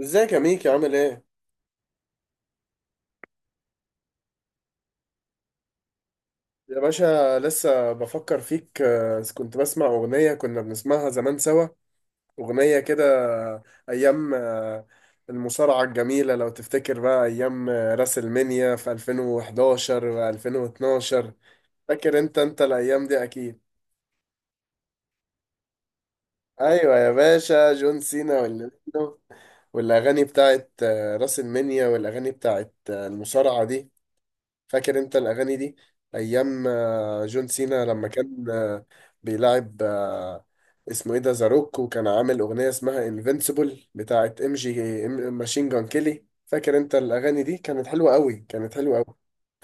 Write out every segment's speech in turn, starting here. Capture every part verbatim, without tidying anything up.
ازيك يا ميكي عامل ايه؟ يا باشا لسه بفكر فيك. آه، كنت بسمع أغنية كنا بنسمعها زمان سوا. أغنية كده. أيام. آه، المصارعة الجميلة لو تفتكر بقى أيام، آه، راس المنيا في ألفين وحداشر و ألفين واثنا عشر. فاكر أنت أنت الأيام دي أكيد. أيوة يا باشا، جون سينا واللي منه. والأغاني بتاعت، آه، راس المنيا، والأغاني بتاعت، آه، المصارعة دي. فاكر انت الاغاني دي، ايام، آه، جون سينا لما كان آه، بيلعب آه، اسمه ايه ده زاروك، وكان عامل اغنيه اسمها انفينسيبل بتاعت ام جي ماشين جان كيلي. فاكر انت الاغاني دي؟ كانت حلوه قوي، كانت حلوه قوي.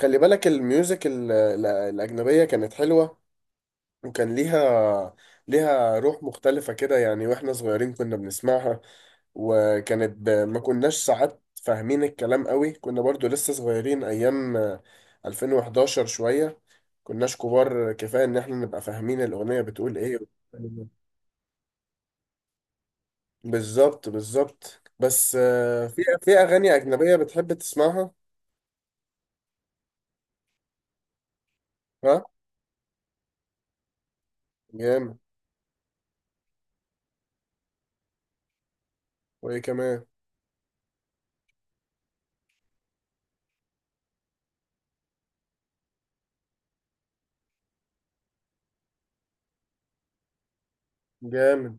خلي بالك الميوزك ال- ال- الاجنبيه كانت حلوه، وكان ليها ليها روح مختلفة كده يعني. واحنا صغيرين كنا بنسمعها، وكانت ب... ما كناش ساعات فاهمين الكلام قوي. كنا برضو لسه صغيرين، ايام آه، ألفين وحداشر شوية، كناش كبار كفاية ان احنا نبقى فاهمين الأغنية بتقول ايه. بالظبط، بالظبط. بس آه، في في اغاني اجنبية بتحب تسمعها. ها. جامد. وايه كمان؟ جامد.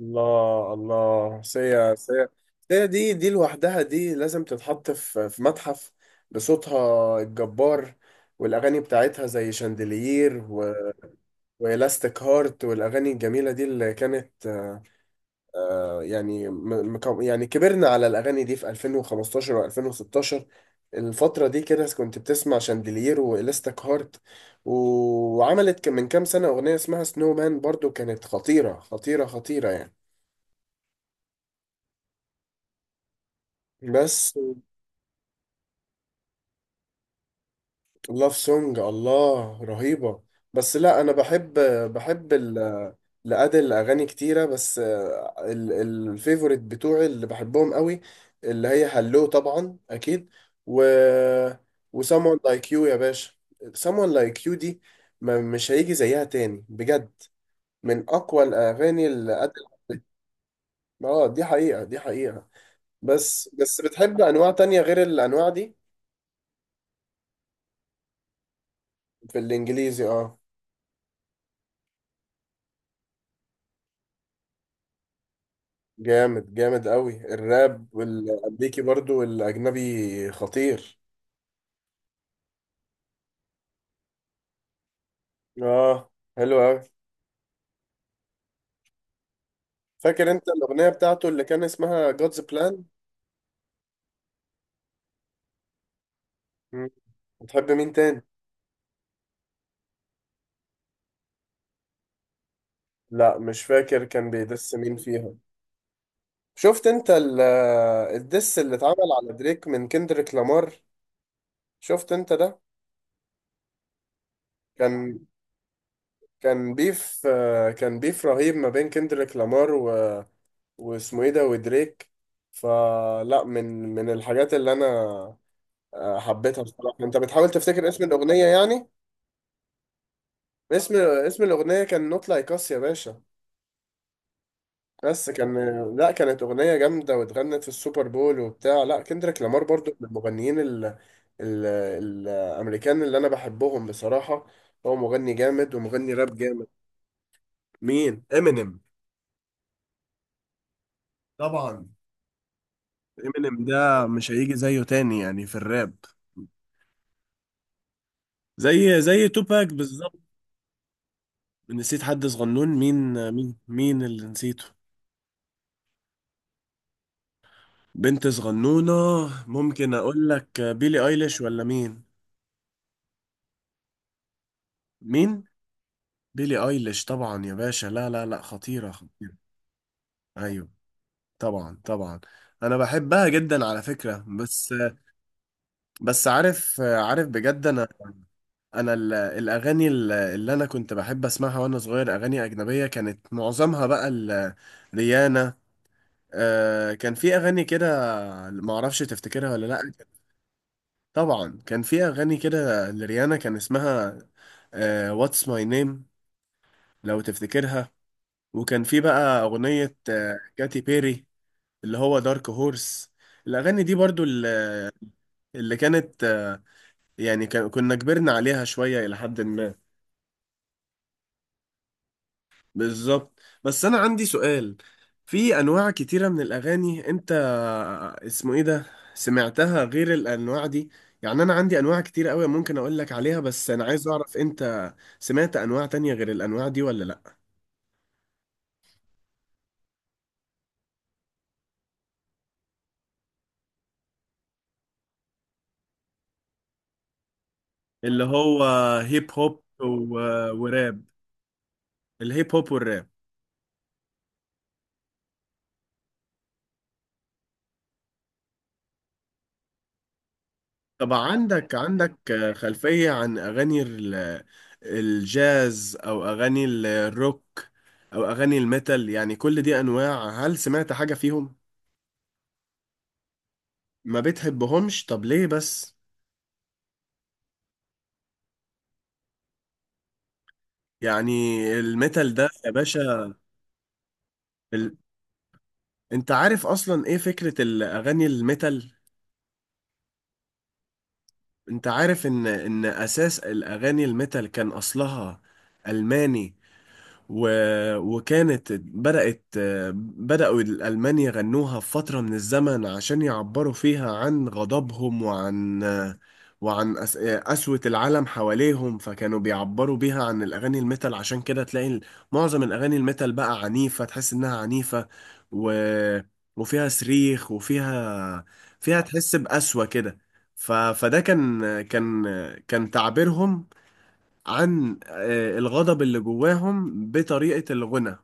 الله، الله. سيا، سيا. سيا دي دي لوحدها دي لازم تتحط في في متحف، بصوتها الجبار. والأغاني بتاعتها زي شاندلير و... وإلاستيك هارت، والأغاني الجميلة دي اللي كانت، آه، يعني م... مكو- يعني كبرنا على الأغاني دي في ألفين وخمستاشر و2016. الفترة دي كده كنت بتسمع شاندلير وإلاستيك هارت و... وعملت من كام سنة أغنية اسمها سنو مان، برضو كانت خطيرة خطيرة خطيرة يعني. بس. لاف سونج، الله، رهيبة. بس لا، انا بحب، بحب ال لأدل أغاني كتيرة، بس الفيفوريت بتوعي اللي بحبهم قوي، اللي هي هلو طبعا أكيد، و و someone like you يا باشا. someone like you دي، ما مش هيجي زيها تاني بجد. من أقوى الأغاني اللي أدل. اه، دي حقيقة، دي حقيقة. بس بس بتحب أنواع تانية غير الأنواع دي؟ في الإنجليزي، اه. جامد، جامد قوي، الراب والامريكي برضو والاجنبي خطير. اه، حلو قوي. فاكر انت الاغنيه بتاعته اللي كان اسمها جودز بلان؟ بتحب مين تاني؟ لا مش فاكر كان بيدس مين فيها. شفت انت ال- الدس اللي اتعمل على دريك من كندريك لامار؟ شفت انت ده؟ كان كان بيف آه، كان بيف رهيب ما بين كندريك لامار و... واسمه ايه ده ودريك. فلا من من الحاجات اللي انا آه، حبيتها بصراحة. انت بتحاول تفتكر اسم الأغنية يعني؟ اسم اسم الأغنية كان نوت لايك اس يا باشا. بس كان، لا كانت أغنية جامدة، واتغنت في السوبر بول وبتاع. لا كندريك لامار برضو من المغنيين ال... ال... الأمريكان اللي أنا بحبهم بصراحة. هو مغني جامد، ومغني راب جامد. مين؟ امينيم؟ طبعا. امينيم ده مش هيجي زيه تاني يعني في الراب، زي زي توباك بالظبط. نسيت حد صغنون؟ مين؟ مين مين اللي نسيته؟ بنت صغنونة؟ ممكن أقول لك بيلي أيليش ولا مين؟ مين؟ بيلي أيليش، طبعا يا باشا، لا لا لا، خطيرة، خطيرة. أيوه، طبعا، طبعا. أنا بحبها جدا على فكرة. بس، بس عارف، عارف بجد. أنا أنا ال- الأغاني ال- اللي أنا كنت بحب أسمعها وأنا صغير، أغاني أجنبية كانت معظمها بقى ال- ريانا. آه، كان في أغاني كده، معرفش تفتكرها ولا لأ. طبعا كان في اغاني كده لريانا، كان اسمها واتس ماي نيم، لو تفتكرها. وكان في بقى اغنية، آه، كاتي بيري، اللي هو دارك هورس. الاغاني دي برضو اللي، اللي كانت، آه، يعني كان- كنا كبرنا عليها شوية الى حد ما. بالظبط. بس انا عندي سؤال. في انواع كتيرة من الاغاني، انت آه، اسمه ايه ده، سمعتها غير الانواع دي؟ يعني انا عندي انواع كتير قوي ممكن اقول لك عليها، بس انا عايز اعرف انت سمعت انواع تانية غير الانواع دي ولا لا. اللي هو هيب هوب و... وراب، الهيب هوب والراب. طبعا. عندك عندك خلفية عن اغاني ال... الجاز، او اغاني الروك، او اغاني الميتال؟ يعني كل دي انواع، هل سمعت حاجة فيهم؟ ما بتحبهمش؟ طب ليه بس؟ يعني الميتال ده يا باشا، ال... انت عارف اصلا ايه فكرة الاغاني الميتال؟ انت عارف ان ان اساس الاغاني الميتال كان اصلها الماني و... وكانت بدأت بدأوا الألمان يغنوها في فترة من الزمن عشان يعبروا فيها عن غضبهم، وعن وعن أس... قسوة العالم حواليهم. فكانوا بيعبروا بيها عن الأغاني الميتال. عشان كده تلاقي ال- معظم الأغاني الميتال بقى عنيفة، تحس إنها عنيفة، و... وفيها صريخ، وفيها فيها تحس بقسوة كده. ف... فده كان كان كان تعبيرهم عن، آه، الغضب اللي جواهم بطريقة الغنى.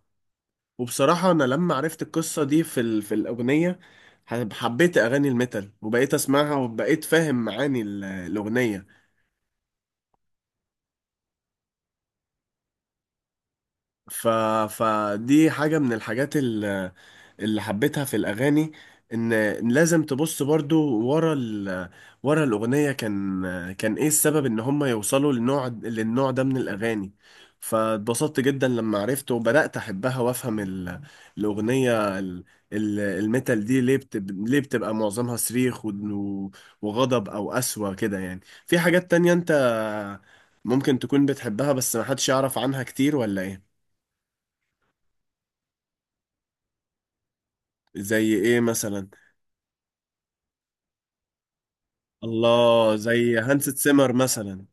وبصراحة أنا لما عرفت القصة دي في ال... في الأغنية، حب- حبيت أغاني الميتال، وبقيت أسمعها، وبقيت فاهم معاني ال- الأغنية. ف... فدي حاجة من الحاجات ال- اللي حبيتها في الأغاني، إن لازم تبص برضو ورا ال... ورا الأغنية، كان كان إيه السبب إن هم يوصلوا للنوع للنوع ده من الأغاني. فاتبسطت جدا لما عرفت وبدأت أحبها، وأفهم ال... الأغنية ال... ال- الميتال دي ليه بت... ليه بتبقى معظمها صريخ و... وغضب أو قسوة كده يعني. في حاجات تانية أنت ممكن تكون بتحبها بس محدش يعرف عنها كتير ولا إيه؟ زي ايه مثلا؟ الله، زي هانس سيمر مثلا.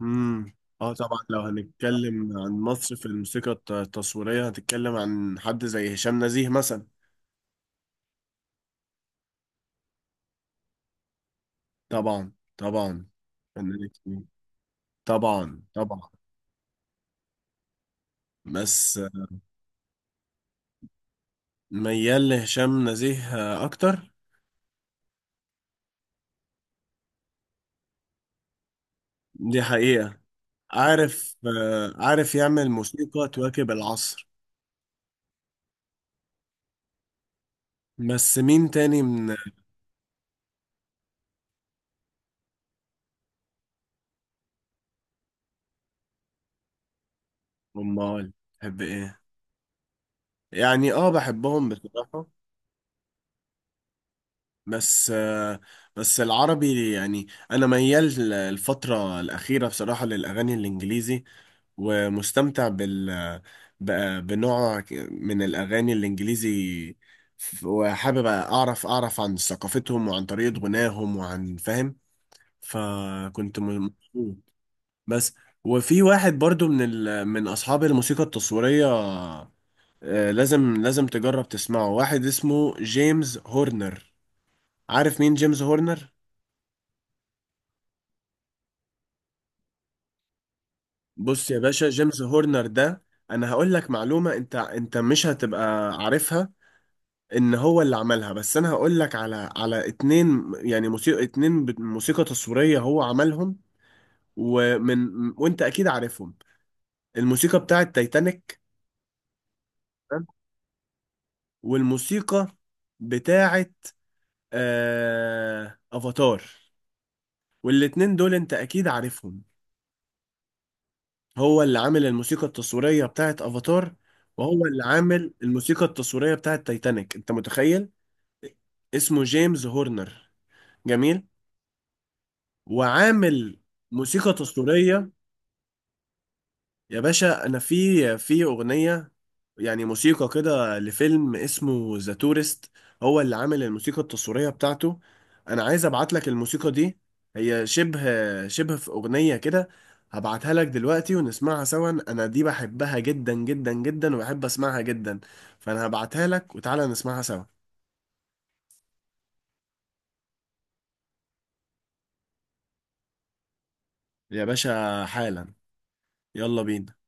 امم. اه طبعا، لو هنتكلم عن مصر في الموسيقى الت- التصويرية هتتكلم عن حد زي هشام نزيه مثلا. طبعا، طبعا، فنان كبير. طبعا، طبعا. بس ميال لهشام نزيه آه، اكتر. دي حقيقة. عارف آه، عارف يعمل موسيقى تواكب العصر. بس مين تاني من. امال تحب ايه؟ يعني اه، بحبهم بصراحة. بس آه، بس العربي، يعني انا ميال الفتره الاخيره بصراحه للاغاني الانجليزي، ومستمتع بال ب- بنوع من الاغاني الانجليزي. ف- وحابب اعرف اعرف عن ثقافتهم وعن طريقه غناهم، وعن، فاهم؟ فكنت م- مبسوط. بس، وفي واحد برضو من ال... من اصحاب الموسيقى التصويريه، آه، لازم لازم تجرب تسمعه. واحد اسمه جيمس هورنر. عارف مين جيمس هورنر؟ بص يا باشا، جيمس هورنر ده، انا هقول لك معلومة انت انت مش هتبقى عارفها. ان هو اللي عملها. بس انا هقول لك على على اتنين، يعني موسيقى اتنين ب- موسيقى تصويرية هو عملهم، ومن وانت اكيد عارفهم. الموسيقى بتاعت تايتانيك، تمام؟ والموسيقى بتاعت آه افاتار. والاتنين دول انت اكيد عارفهم. هو اللي عامل الموسيقى التصويرية بتاعت افاتار، وهو اللي عامل الموسيقى التصويرية بتاعت تايتانيك. انت متخيل؟ اسمه جيمس هورنر. جميل. وعامل موسيقى تصويرية. يا باشا انا في في اغنية، يعني موسيقى كده لفيلم اسمه ذا تورست، هو اللي عامل الموسيقى التصويرية بتاعته. انا عايز ابعت لك الموسيقى دي. هي شبه شبه في اغنية كده. هبعتها لك دلوقتي ونسمعها سوا. انا دي بحبها جدا جدا جدا، وبحب اسمعها جدا. فانا هبعتها لك وتعالى نسمعها سوا. يا باشا حالا، يلا بينا.